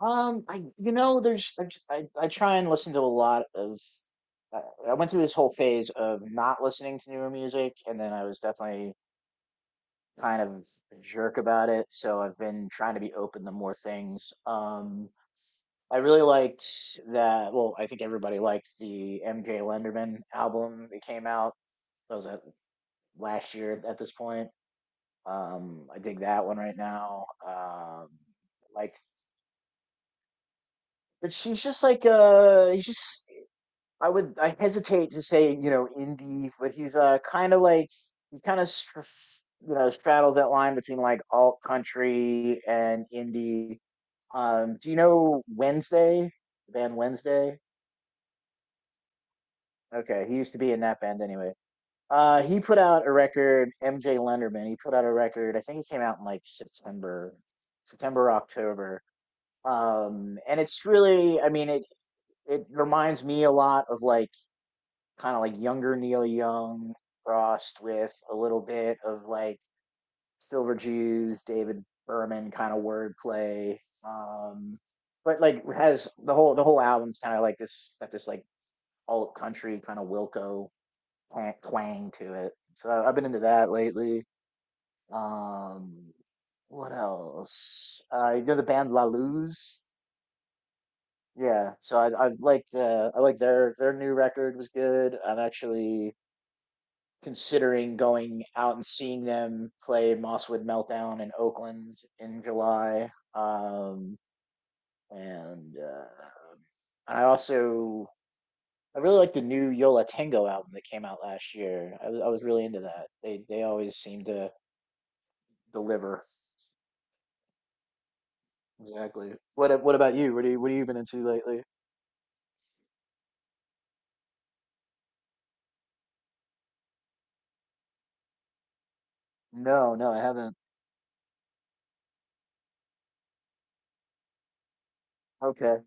I I try and listen to a lot of. I, I went through this whole phase of not listening to newer music, and then I was definitely kind of a jerk about it. So I've been trying to be open to more things. I really liked that. Well, I think everybody liked the MJ Lenderman album that came out. That was at, last year at this point. I dig that one right now. Liked, but she's just like he's just I would I hesitate to say indie, but he's kind of like he kind of straddled that line between like alt country and indie. Do you know Wednesday? The band Wednesday. Okay, he used to be in that band anyway. He put out a record. MJ Lenderman. He put out a record. I think it came out in like September, September October. And it's really, I mean, it reminds me a lot of like kind of like younger Neil Young crossed with a little bit of like Silver Jews, David Berman kind of wordplay. Um, but like has the whole album's kind of like this got this like alt country kind of Wilco twang to it. So I've been into that lately. Um, what else? You know the band La Luz. Yeah, so I liked I liked their new record was good. I'm actually considering going out and seeing them play Mosswood Meltdown in Oakland in July. And I also I really like the new Yola Tango album that came out last year. I was really into that. They always seem to deliver. Exactly. What about you? What have you been into lately? No, no, I haven't. Okay.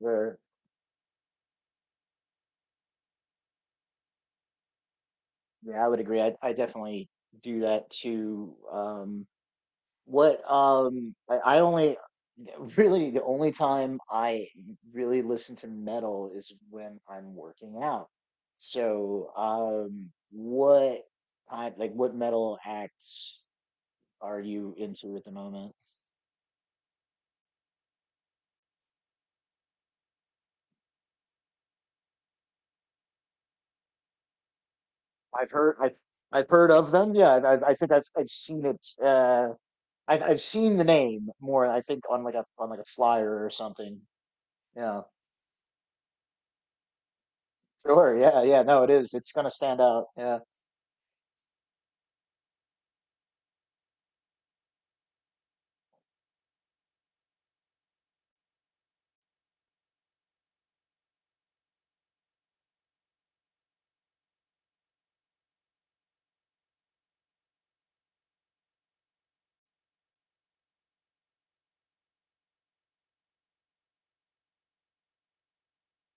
Where yeah, I would agree. I definitely do that too. What I only really the only time I really listen to metal is when I'm working out. So what kind like what metal acts are you into at the moment? I've heard I've I've heard of them. Yeah, I think I've seen it I've seen the name more I think on like a flyer or something. Yeah. Sure, no, it is. It's gonna stand out. Yeah,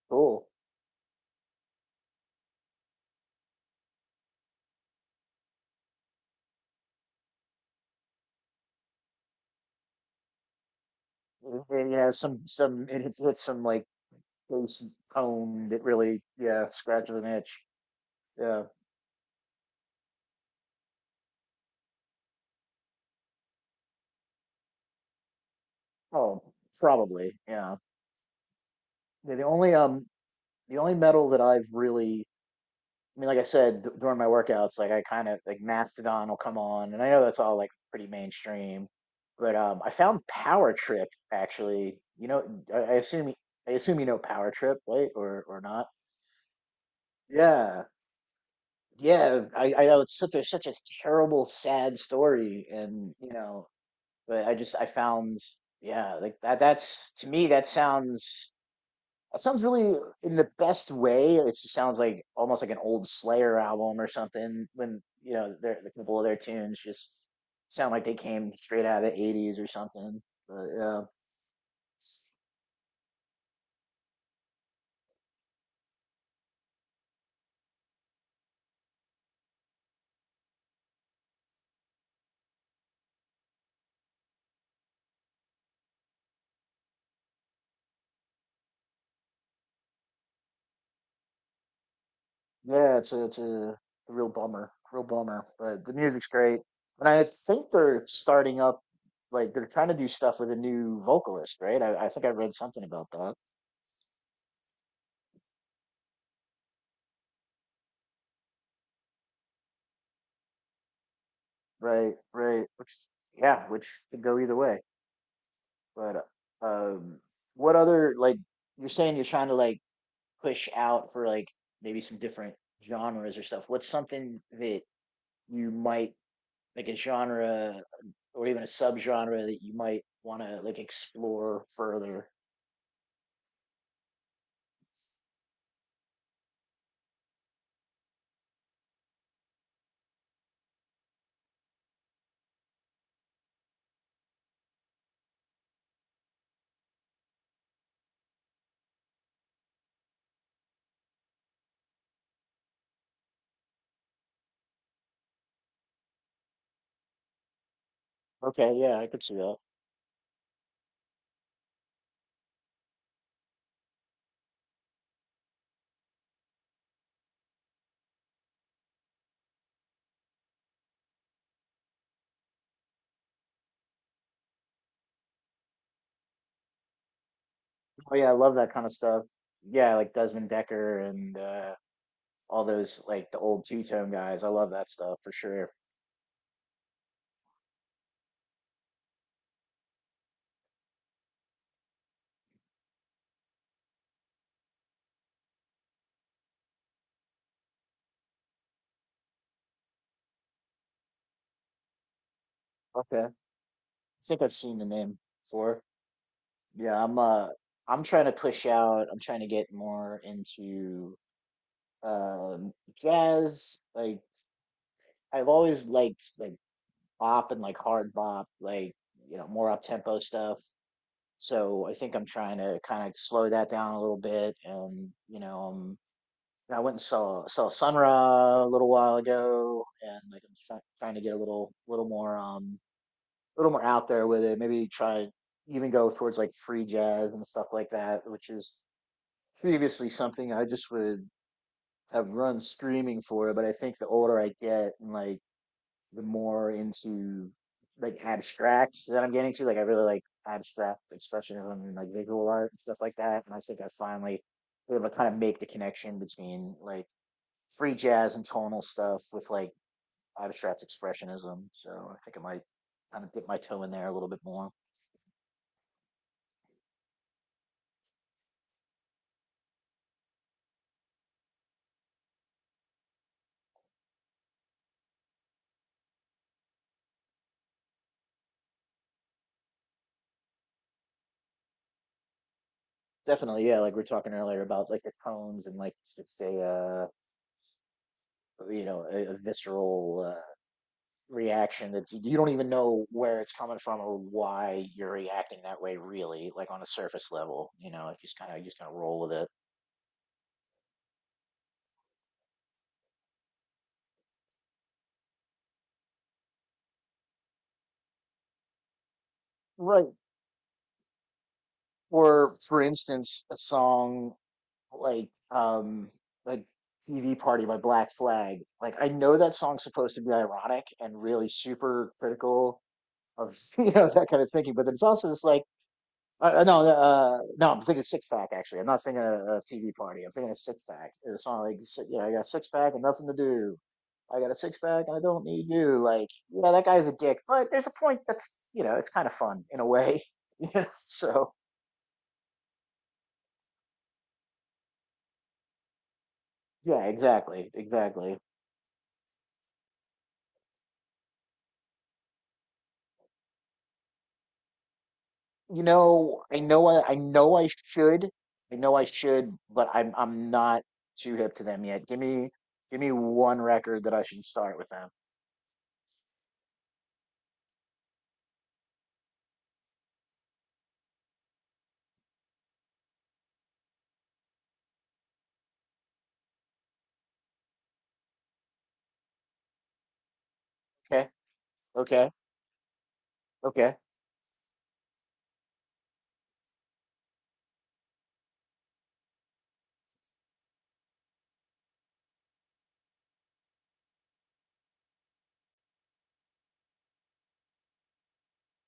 cool. Yeah, some it hits some like bass tone that really yeah scratches an itch. Yeah. Oh, probably. Yeah. Yeah, the only metal that I've really I mean, like I said during my workouts, like I kind of like Mastodon will come on, and I know that's all like pretty mainstream, but I found Power Trip actually. I assume you know Power Trip, right? Or not? Yeah. Yeah, I know it's such a such a terrible, sad story, and you know, but I just I found yeah, like that's to me that sounds really in the best way. It just sounds like almost like an old Slayer album or something when you know the couple of their tunes just sound like they came straight out of the 80s or something. But yeah. Yeah, it's a real bummer, real bummer. But the music's great, and I think they're starting up, like they're trying to do stuff with a new vocalist, right? I think I read something about that. Right, right. Which, yeah, which could go either way. But um, what other like you're saying you're trying to like push out for like maybe some different genres or stuff. What's something that you might like a genre or even a subgenre that you might want to like explore further? Okay, yeah, I could see that. Oh yeah, I love that kind of stuff. Yeah, like Desmond Decker and all those like the old two-tone guys. I love that stuff for sure. Okay. I think I've seen the name before. Yeah, I'm trying to push out. I'm trying to get more into um jazz. Like I've always liked like bop and like hard bop, like you know, more up-tempo stuff. So I think I'm trying to kind of slow that down a little bit and you know, I went and saw Sun Ra a little while ago, and like trying to get a little more a little more out there with it. Maybe try even go towards like free jazz and stuff like that, which is previously something I just would have run screaming for. But I think the older I get and like the more into like abstract that I'm getting to, like I really like abstract expressionism and like visual art and stuff like that. And I think I finally able to kind of make the connection between like free jazz and tonal stuff with like abstract expressionism. So I think I might kind of dip my toe in there a little bit more. Definitely, yeah. Like we are talking earlier about like the tones and like it's a you know a visceral reaction that you don't even know where it's coming from or why you're reacting that way. Really, like on a surface level, you know, just kind of roll with it. Right. Or for instance, a song like um like TV Party by Black Flag. Like I know that song's supposed to be ironic and really super critical of you know that kind of thinking, but then it's also just like no no I'm thinking Six Pack actually. I'm not thinking of TV Party. I'm thinking of Six Pack. The song like you know I got a six pack and nothing to do. I got a six pack and I don't need you. Like yeah that guy's a dick, but there's a point that's you know it's kind of fun in a way. Yeah. So yeah exactly exactly. You know, I know I should. I know I should, but I'm not too hip to them yet. Give me one record that I should start with them. Okay. Okay. Okay.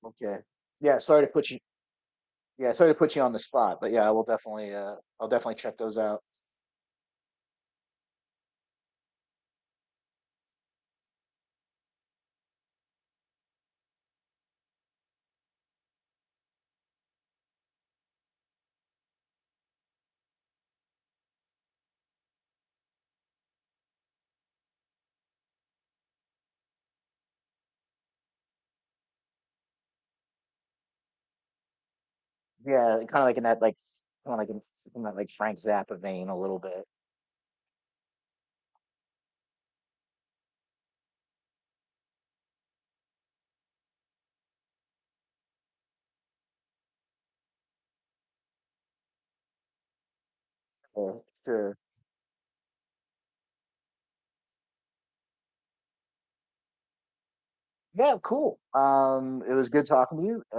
Okay. Yeah, sorry to put you yeah, sorry to put you on the spot, but yeah, I will definitely I'll definitely check those out. Yeah, kind of like in that like kind of like in that like Frank Zappa vein a little bit. Sure, sure. Yeah, cool. It was good talking to you.